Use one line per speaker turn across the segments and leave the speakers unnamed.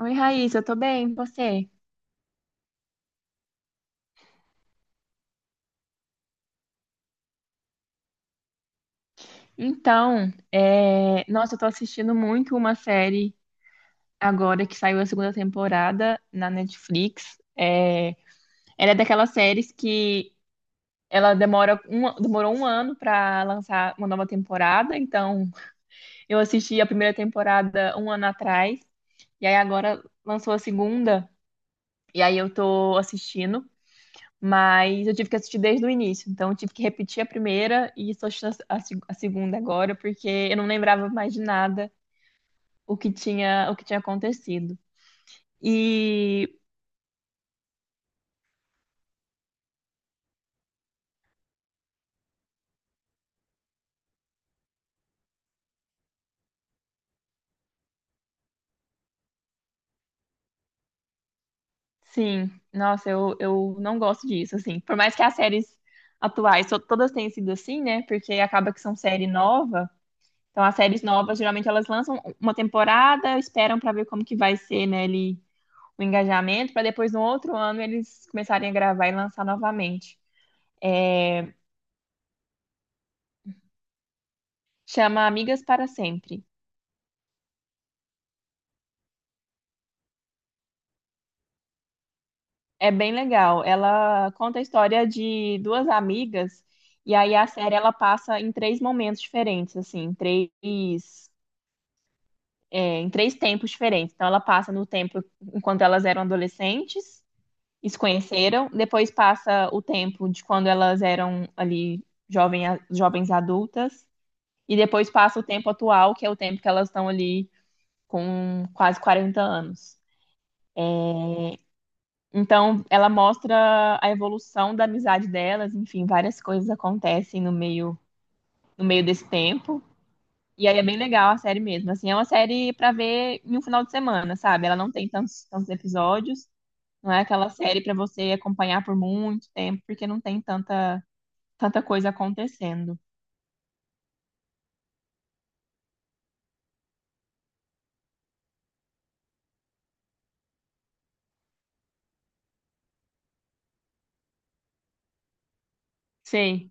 Oi, Raíssa, eu tô bem, e você? Então, nossa, eu tô assistindo muito uma série agora que saiu a segunda temporada na Netflix. Ela é daquelas séries que ela demorou um ano pra lançar uma nova temporada, então eu assisti a primeira temporada um ano atrás, e aí agora lançou a segunda, e aí eu tô assistindo. Mas eu tive que assistir desde o início, então eu tive que repetir a primeira e estou assistindo a se- a segunda agora, porque eu não lembrava mais de nada o que tinha acontecido. E sim, nossa, eu não gosto disso, assim. Por mais que as séries atuais todas tenham sido assim, né? Porque acaba que são série nova. Então as séries novas, geralmente elas lançam uma temporada, esperam para ver como que vai ser, né, ali, o engajamento, para depois no outro ano eles começarem a gravar e lançar novamente. É, Chama Amigas para Sempre. É bem legal. Ela conta a história de duas amigas, e aí a série ela passa em três momentos diferentes, assim, em três tempos diferentes. Então ela passa no tempo enquanto elas eram adolescentes e se conheceram, depois passa o tempo de quando elas eram ali jovem, jovens adultas, e depois passa o tempo atual, que é o tempo que elas estão ali com quase 40 anos. Então, ela mostra a evolução da amizade delas, enfim, várias coisas acontecem no meio, no meio desse tempo. E aí é bem legal a série mesmo. Assim, é uma série pra ver em um final de semana, sabe? Ela não tem tantos episódios, não é aquela série pra você acompanhar por muito tempo, porque não tem tanta coisa acontecendo. Sei.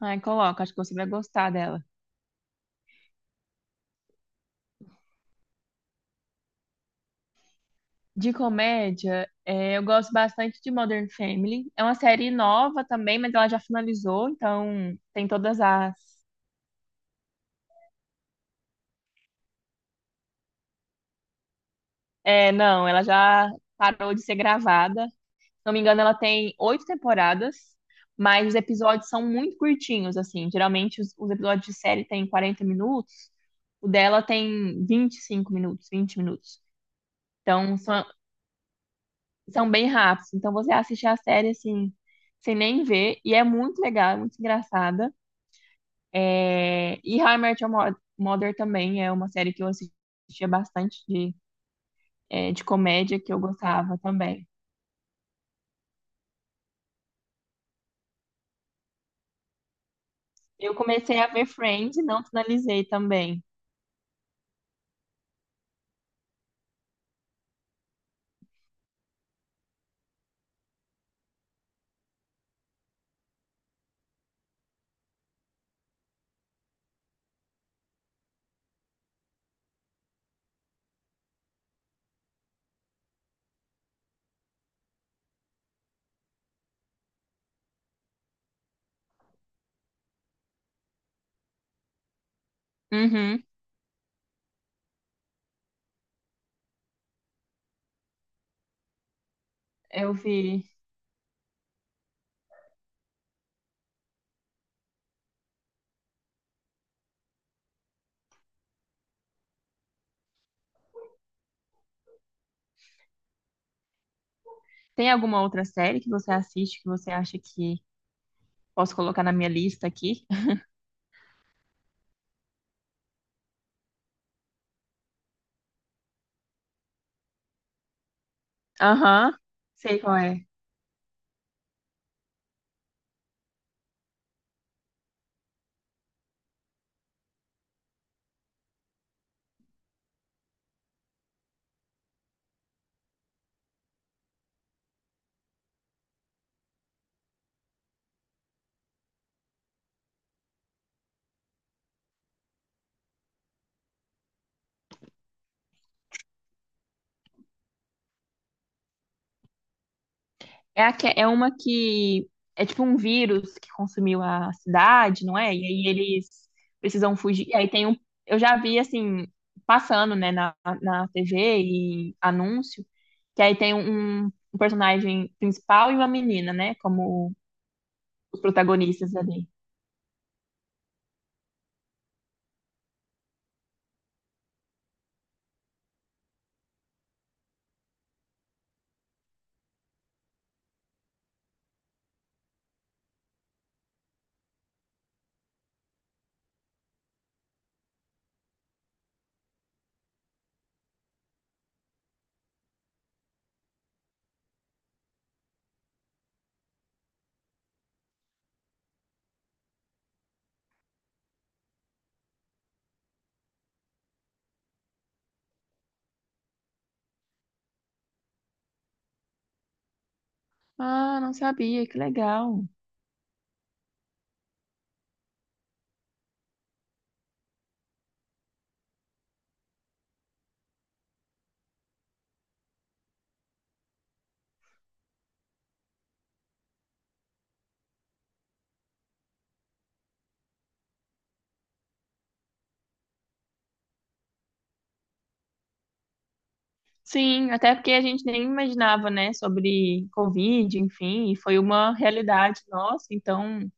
Ai, coloca, acho que você vai gostar dela. De comédia, é, eu gosto bastante de Modern Family. É uma série nova também, mas ela já finalizou, então tem todas as. É, não, ela já parou de ser gravada. Se não me engano, ela tem oito temporadas, mas os episódios são muito curtinhos, assim. Geralmente os episódios de série têm 40 minutos, o dela tem 25 minutos, 20 minutos. Então são bem rápidos. Então você assiste a série assim, sem nem ver, e é muito legal, é muito engraçada. E How I Met Your Mo- Mother também é uma série que eu assistia bastante de comédia que eu gostava também. Eu comecei a ver Friends e não finalizei também. Uhum, eu vi. Tem alguma outra série que você assiste que você acha que posso colocar na minha lista aqui? Aham, sei qual é. A é uma que é tipo um vírus que consumiu a cidade, não é? E aí eles precisam fugir. E aí tem um. Eu já vi assim, passando, né, na TV e anúncio, que aí tem um personagem principal e uma menina, né? Como os protagonistas ali. Ah, não sabia, que legal. Sim, até porque a gente nem imaginava, né, sobre Covid, enfim, e foi uma realidade nossa, então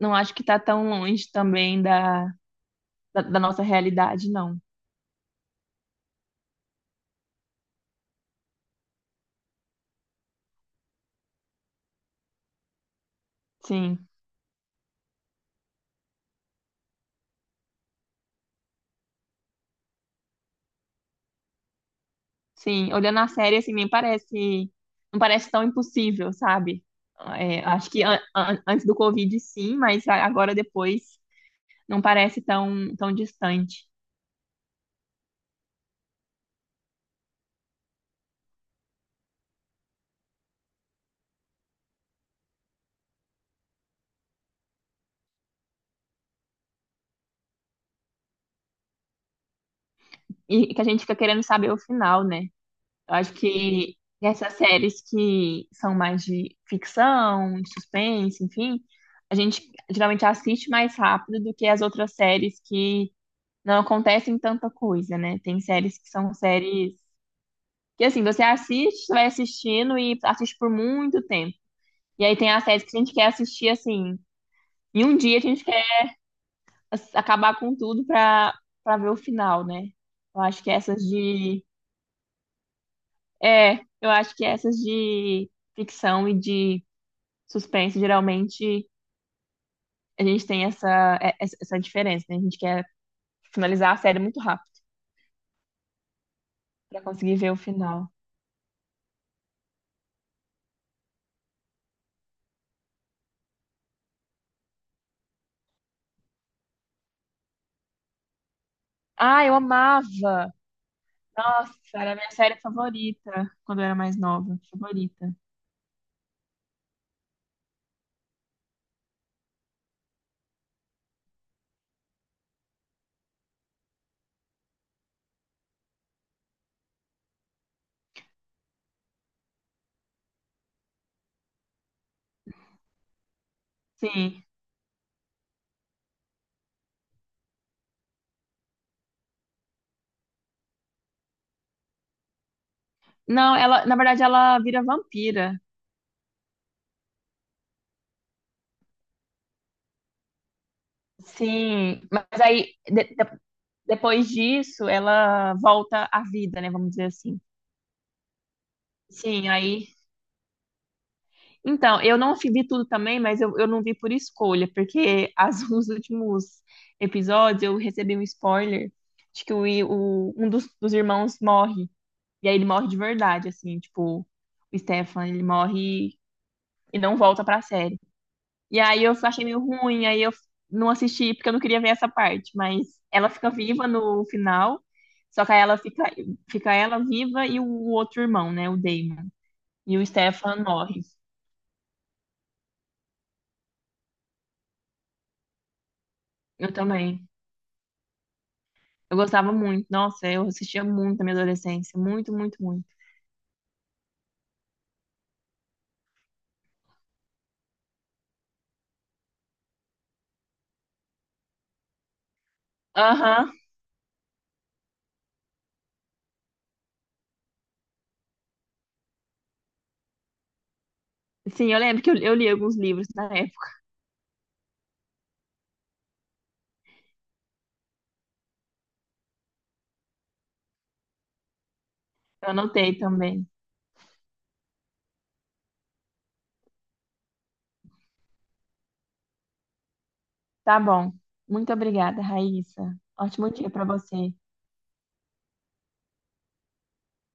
não acho que tá tão longe também da da nossa realidade, não. Sim, sim. Olhando a série, assim, nem parece, não parece tão impossível, sabe? É, acho que antes do Covid, sim, mas agora depois não parece tão distante. E que a gente fica querendo saber o final, né? Eu acho que essas séries que são mais de ficção, de suspense, enfim, a gente geralmente assiste mais rápido do que as outras séries que não acontecem tanta coisa, né? Tem séries que assim, você assiste, você vai assistindo e assiste por muito tempo. E aí tem as séries que a gente quer assistir assim. Em um dia a gente quer acabar com tudo pra ver o final, né? Eu acho que essas de. É, eu acho que essas de ficção e de suspense, geralmente, a gente tem essa, é- essa essa diferença, né? A gente quer finalizar a série muito rápido pra conseguir ver o final. Ah, eu amava! Nossa, era a minha série favorita quando eu era mais nova. Favorita. Sim. Não, ela, na verdade, ela vira vampira. Sim, mas aí depois disso ela volta à vida, né? Vamos dizer assim. Sim, aí. Então, eu não fi- vi tudo também, mas eu não vi por escolha, porque as, os últimos episódios eu recebi um spoiler de que um dos irmãos morre. E aí ele morre de verdade, assim, tipo, o Stefan, ele morre e não volta pra série. E aí eu achei meio ruim, aí eu não assisti porque eu não queria ver essa parte, mas ela fica viva no final, só que aí fica ela viva e o outro irmão, né, o Damon. E o Stefan morre. Eu também. Eu gostava muito. Nossa, eu assistia muito na minha adolescência. Muito, muito, muito. Aham. Sim, eu lembro que eu li alguns livros na época. Eu anotei também. Tá bom. Muito obrigada, Raíssa. Ótimo dia pra você.